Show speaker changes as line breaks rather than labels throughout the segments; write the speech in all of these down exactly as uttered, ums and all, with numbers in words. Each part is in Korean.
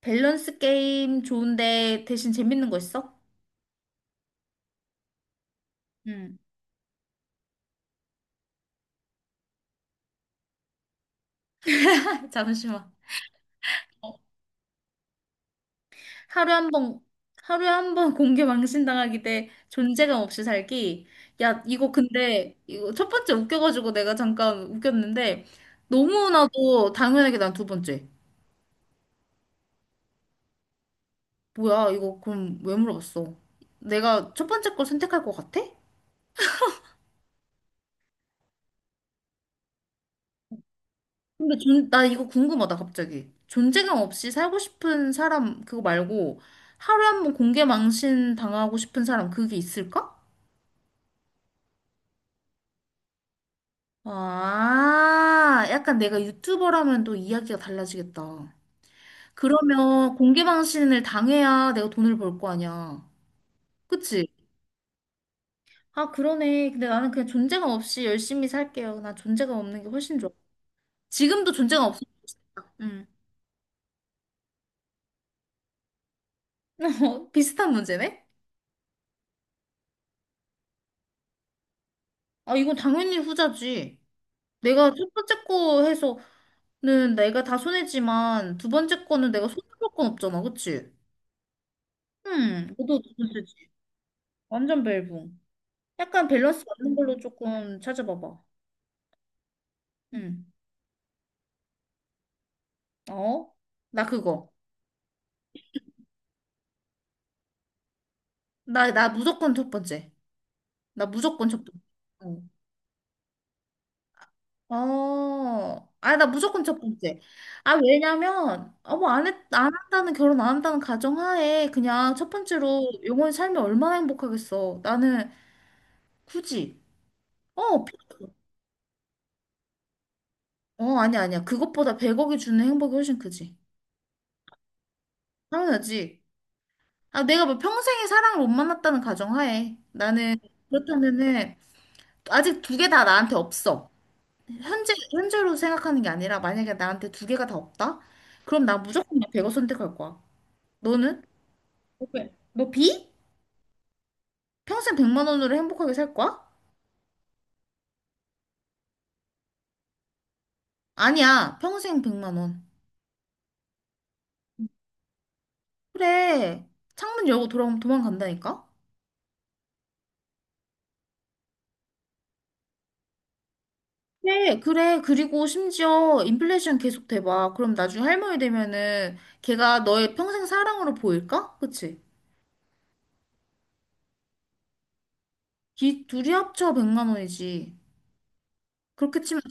밸런스 게임 좋은데 대신 재밌는 거 있어? 응. 잠시만. 어, 하루에 한 번, 하루에 한 번 공개 망신당하기 대 존재감 없이 살기. 야, 이거 근데, 이거 첫 번째 웃겨가지고 내가 잠깐 웃겼는데, 너무나도 당연하게 난 두 번째. 뭐야, 이거 그럼 왜 물어봤어? 내가 첫 번째 걸 선택할 것 같아? 근데 존, 나 이거 궁금하다, 갑자기. 존재감 없이 살고 싶은 사람, 그거 말고, 하루에 한 번 공개 망신 당하고 싶은 사람, 그게 있을까? 아, 약간 내가 유튜버라면 또 이야기가 달라지겠다. 그러면 공개 망신을 당해야 내가 돈을 벌 거 아니야. 그치? 아, 그러네. 근데 나는 그냥 존재감 없이 열심히 살게요. 나 존재감 없는 게 훨씬 좋아. 지금도 존재감 없으면 좋겠다. 비슷한 문제네? 아, 이건 당연히 후자지. 내가 첫 번째 거 해서는 내가 다 손해지만 두 번째 거는 내가 손해볼 건 없잖아, 그치? 응, 너도 돈 쓰지. 완전 벨붕. 약간 밸런스 맞는 걸로 조금 찾아봐봐. 응, 어? 나 그거. 나, 나 무조건 첫 번째. 나 무조건 첫 번째. 어. 어, 아, 나 무조건 첫 번째. 아, 왜냐면, 어, 뭐, 안 했, 안 한다는, 결혼 안 한다는 가정하에, 그냥 첫 번째로 영원히 살면 얼마나 행복하겠어. 나는 굳이, 어, 어, 아니야, 아니야. 그것보다 백억이 주는 행복이 훨씬 크지. 당연하지. 아, 내가 뭐 평생에 사랑을 못 만났다는 가정하에. 나는 그렇다면은 아직 두 개 다 나한테 없어. 현재, 현재로 생각하는 게 아니라 만약에 나한테 두 개가 다 없다? 그럼 나 무조건 백억 선택할 거야. 너는? 왜? 너 비? 평생 백만 원으로 행복하게 살 거야? 아니야. 평생 백만 원. 그래. 창문 열고 돌아오면 도망간다니까? 그래, 그래. 그리고 심지어 인플레이션 계속 돼봐. 그럼 나중에 할머니 되면은 걔가 너의 평생 사랑으로 보일까? 그치? 기, 둘이 합쳐 백만 원이지. 그렇게 치면,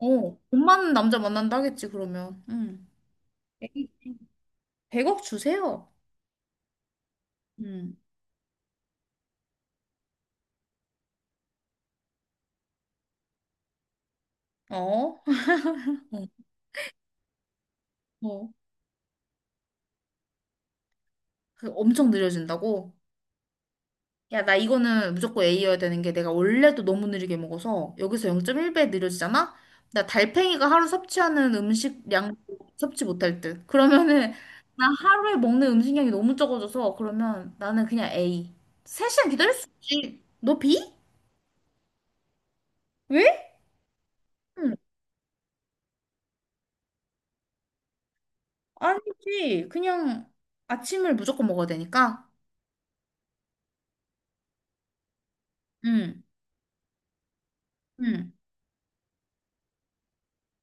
어, 돈 많은 남자 만난다 하겠지, 그러면. 응. 백억 주세요. 응. 어? 어. 어. 그 엄청 느려진다고? 야, 나 이거는 무조건 A여야 되는 게 내가 원래도 너무 느리게 먹어서 여기서 영 점 일 배 느려지잖아? 나 달팽이가 하루 섭취하는 음식량 섭취 못할 듯. 그러면은 나 하루에 먹는 음식량이 너무 적어져서 그러면 나는 그냥 A. 세 시간 기다릴 수 있지. 너 B? 왜? 응. 아니지. 그냥 아침을 무조건 먹어야 되니까. 응. 응.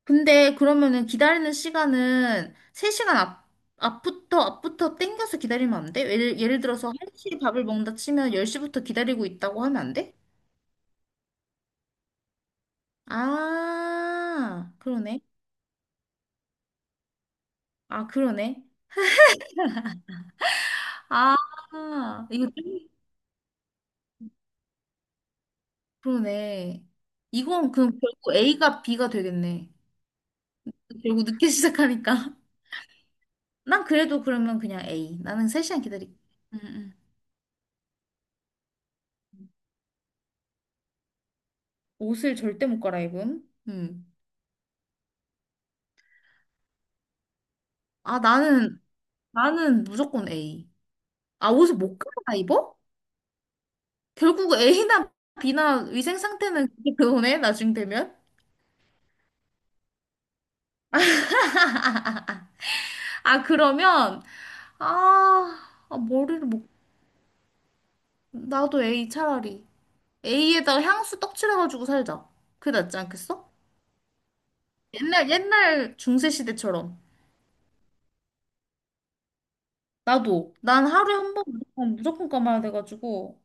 근데 그러면은 기다리는 시간은 세 시간 앞, 앞부터, 앞부터 땡겨서 기다리면 안 돼? 예를, 예를 들어서 한 시에 밥을 먹는다 치면 열 시부터 기다리고 있다고 하면 안 돼? 아, 그러네. 아, 그러네. 아, 이거 좀, 그러네. 이건 그럼 결국 A가 B가 되겠네. 결국 늦게 시작하니까. 난 그래도 그러면 그냥 A. 나는 세 시간 기다릴게. 응, 응. 옷을 절대 못 갈아입음. 응. 아, 나는, 나는 무조건 A. 아, 옷을 못 갈아 입어? 결국 A나 B나 위생 상태는 그게 그거네, 나중 되면? 아, 그러면, 아, 아, 머리를 못, 나도 A 차라리. A에다가 향수 떡칠해가지고 살자. 그게 낫지 않겠어? 옛날, 옛날 중세 시대처럼. 나도. 난 하루에 한 번 무조건, 무조건 감아야 돼가지고.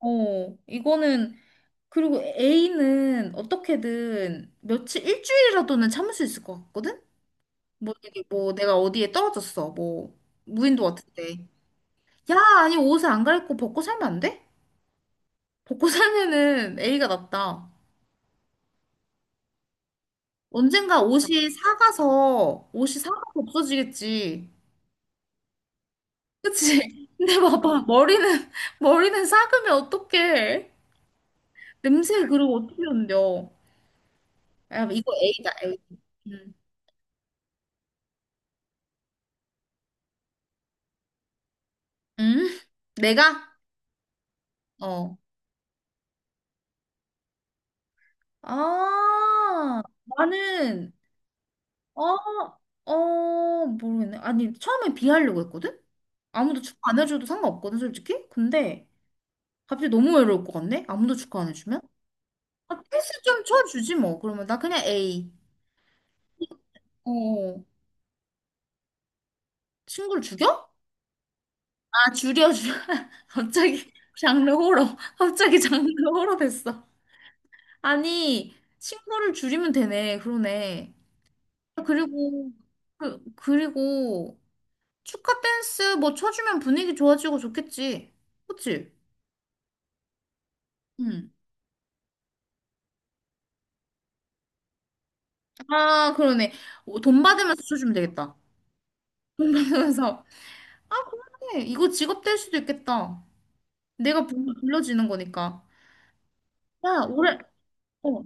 어, 이거는, 그리고 A는 어떻게든 며칠, 일주일이라도는 참을 수 있을 것 같거든? 뭐, 이게 뭐 내가 어디에 떨어졌어. 뭐 무인도 같은데. 야, 아니 옷을 안 갈아입고 벗고 살면 안 돼? 벗고 살면은 A가 낫다. 언젠가 옷이 사가서 옷이 사가서 없어지겠지. 그치? 근데 봐봐 머리는 머리는 삭으면 어떡해? 냄새 그리고 어떻게 흔들려? 야, 이거 A다. A. 음. 음? 내가? 어. 아, 나는 어, 어, 모르겠네. 아니, 처음에 비하려고 했거든? 아무도 축하 안 해줘도 상관없거든, 솔직히? 근데 갑자기 너무 외로울 것 같네? 아무도 축하 안 해주면? 아, 패스 좀 쳐주지, 뭐. 그러면 나 그냥 A. 어, 친구를 죽여? 아, 줄여, 줄여. 갑자기 장르 호러. 갑자기 장르 호러 됐어. 아니, 친구를 줄이면 되네. 그러네. 그리고, 그, 그리고 축하 댄스 뭐 쳐주면 분위기 좋아지고 좋겠지. 그치? 응. 아, 그러네. 어, 돈 받으면서 쳐주면 되겠다. 돈 받으면서. 아, 그러네. 이거 직업 될 수도 있겠다. 내가 불- 불러지는 거니까. 야, 올해, 어.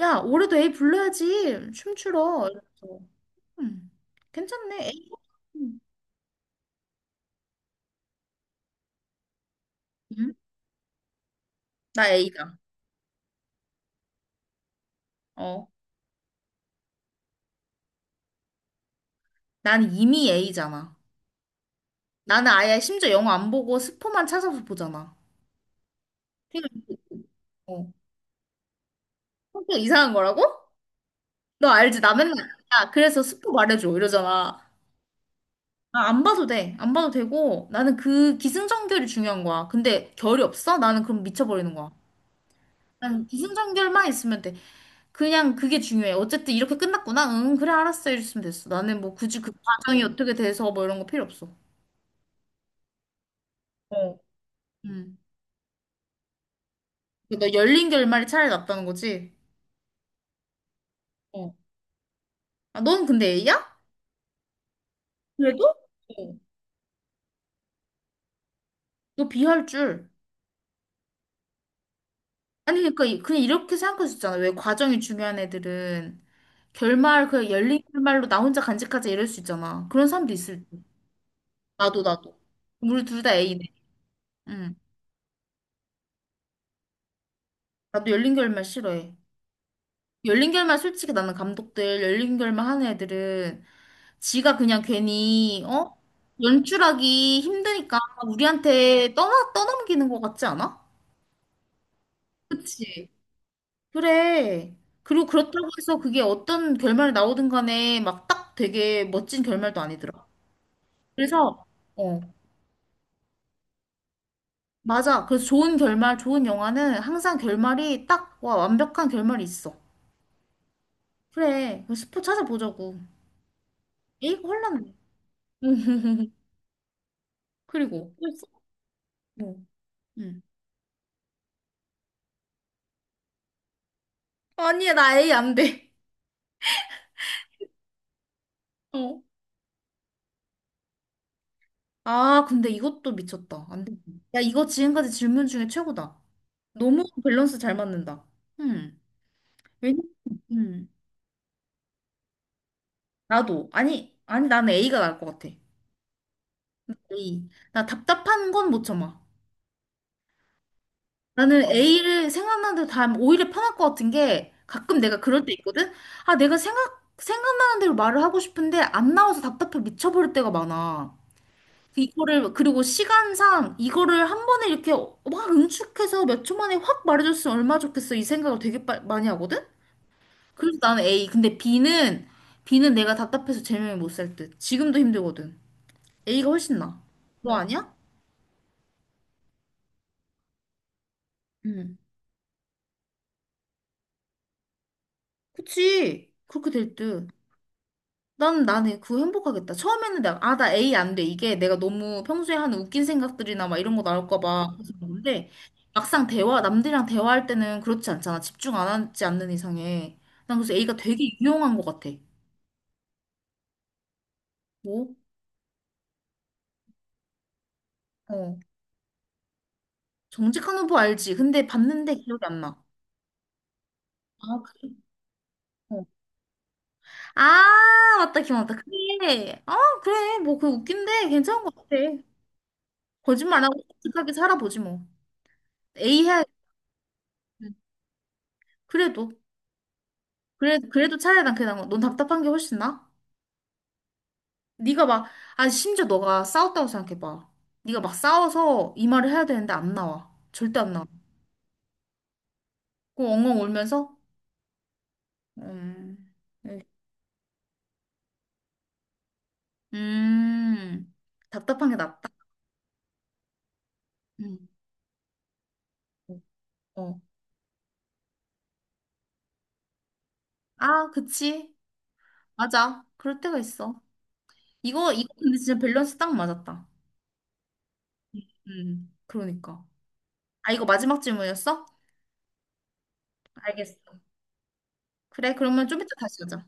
야, 올해도 A 불러야지. 춤추러. 이러면서. 음. 괜찮네. A. 음. 음? 나 A다. 어. 난 이미 A잖아. 나는 아예 심지어 영어 안 보고 스포만 찾아서 보잖아. 그러니까, 어. 성격 이상한 거라고? 너 알지? 나 맨날. 야, 그래서 스포 말해줘. 이러잖아. 아, 안 봐도 돼. 안 봐도 되고, 나는 그 기승전결이 중요한 거야. 근데 결이 없어? 나는 그럼 미쳐버리는 거야. 난 기승전결만 있으면 돼. 그냥 그게 중요해. 어쨌든 이렇게 끝났구나. 응, 그래, 알았어. 이랬으면 됐어. 나는 뭐 굳이 그 과정이 어떻게 돼서 뭐 이런 거 필요 없어. 어. 음. 너 열린 결말이 차라리 낫다는 거지? 어. 아, 넌 근데 A야? 그래도? 어. 너 B 할 줄. 아니, 그러니까 이- 그냥 이렇게 생각할 수 있잖아. 왜 과정이 중요한 애들은. 결말, 그냥 열린 결말로 나 혼자 간직하자 이럴 수 있잖아. 그런 사람도 있을 나도, 나도. 우리 둘 다 A네. 응. 나도 열린 결말 싫어해. 열린 결말 솔직히 나는 감독들 열린 결말 하는 애들은 지가 그냥 괜히 어? 연출하기 힘드니까 우리한테 떠나 떠넘기는 것 같지 않아? 그치? 그래. 그리고 그렇다고 해서 그게 어떤 결말이 나오든 간에 막 딱 되게 멋진 결말도 아니더라. 그래서 어. 맞아. 그래서 좋은 결말, 좋은 영화는 항상 결말이 딱 와, 완벽한 결말이 있어. 그래, 그 스포 찾아보자고. A가 헐란데. 그리고, 또래 어. 뭐, 응. 아니야, 나 A 안 돼. 어. 아, 근데 이것도 미쳤다. 안 돼. 야, 이거 지금까지 질문 중에 최고다. 너무 밸런스 잘 맞는다. 음. 왜냐? 음. 나도. 아니, 아니, 나는 A가 나을 것 같아. A. 나 답답한 건 못 참아. 나는 A를 생각나는 대로 다 하면 오히려 편할 것 같은 게 가끔 내가 그럴 때 있거든? 아, 내가 생각, 생각나는 대로 말을 하고 싶은데 안 나와서 답답해 미쳐버릴 때가 많아. 이거를, 그리고 시간상 이거를 한 번에 이렇게 막 응축해서 몇 초 만에 확 말해줬으면 얼마나 좋겠어. 이 생각을 되게 빠- 많이 하거든? 그래서 나는 A. 근데 B는, B는 내가 답답해서 제명이 못 살 듯. 지금도 힘들거든. A가 훨씬 나아. 너 아니야? 응. 그치. 그렇게 될 듯. 나는 나는 그거 행복하겠다. 처음에는 내가 아 나 A 안 돼. 이게 내가 너무 평소에 하는 웃긴 생각들이나 막 이런 거 나올까 봐 그래서 그런데 막상 대화 남들이랑 대화할 때는 그렇지 않잖아. 집중 안 하지 않는 이상에 난 그래서 A가 되게 유용한 것 같아. 뭐? 어 정직한 후보 알지? 근데 봤는데 기억이 안 나. 아 그래? 어. 아 맞다 기억났다. 그래. 아 그래 뭐 그거 웃긴데 괜찮은 것 같아. 거짓말 안 하고 솔직하게 살아보지 뭐. A 해야 그래도. 그래, 그래도 차라리 난 그냥 넌 답답한 게 훨씬 나아. 네가 막, 아 심지어 너가 싸웠다고 생각해봐. 네가 막 싸워서 이 말을 해야 되는데 안 나와. 절대 안 나와. 그 엉엉 울면서 음, 네. 음, 답답한 게 낫다. 음, 어, 어. 아, 그치, 맞아. 그럴 때가 있어. 이거 이거 근데 진짜 밸런스 딱 맞았다. 음, 그러니까. 아 이거 마지막 질문이었어? 알겠어. 그래, 그러면 좀 이따 다시 하자.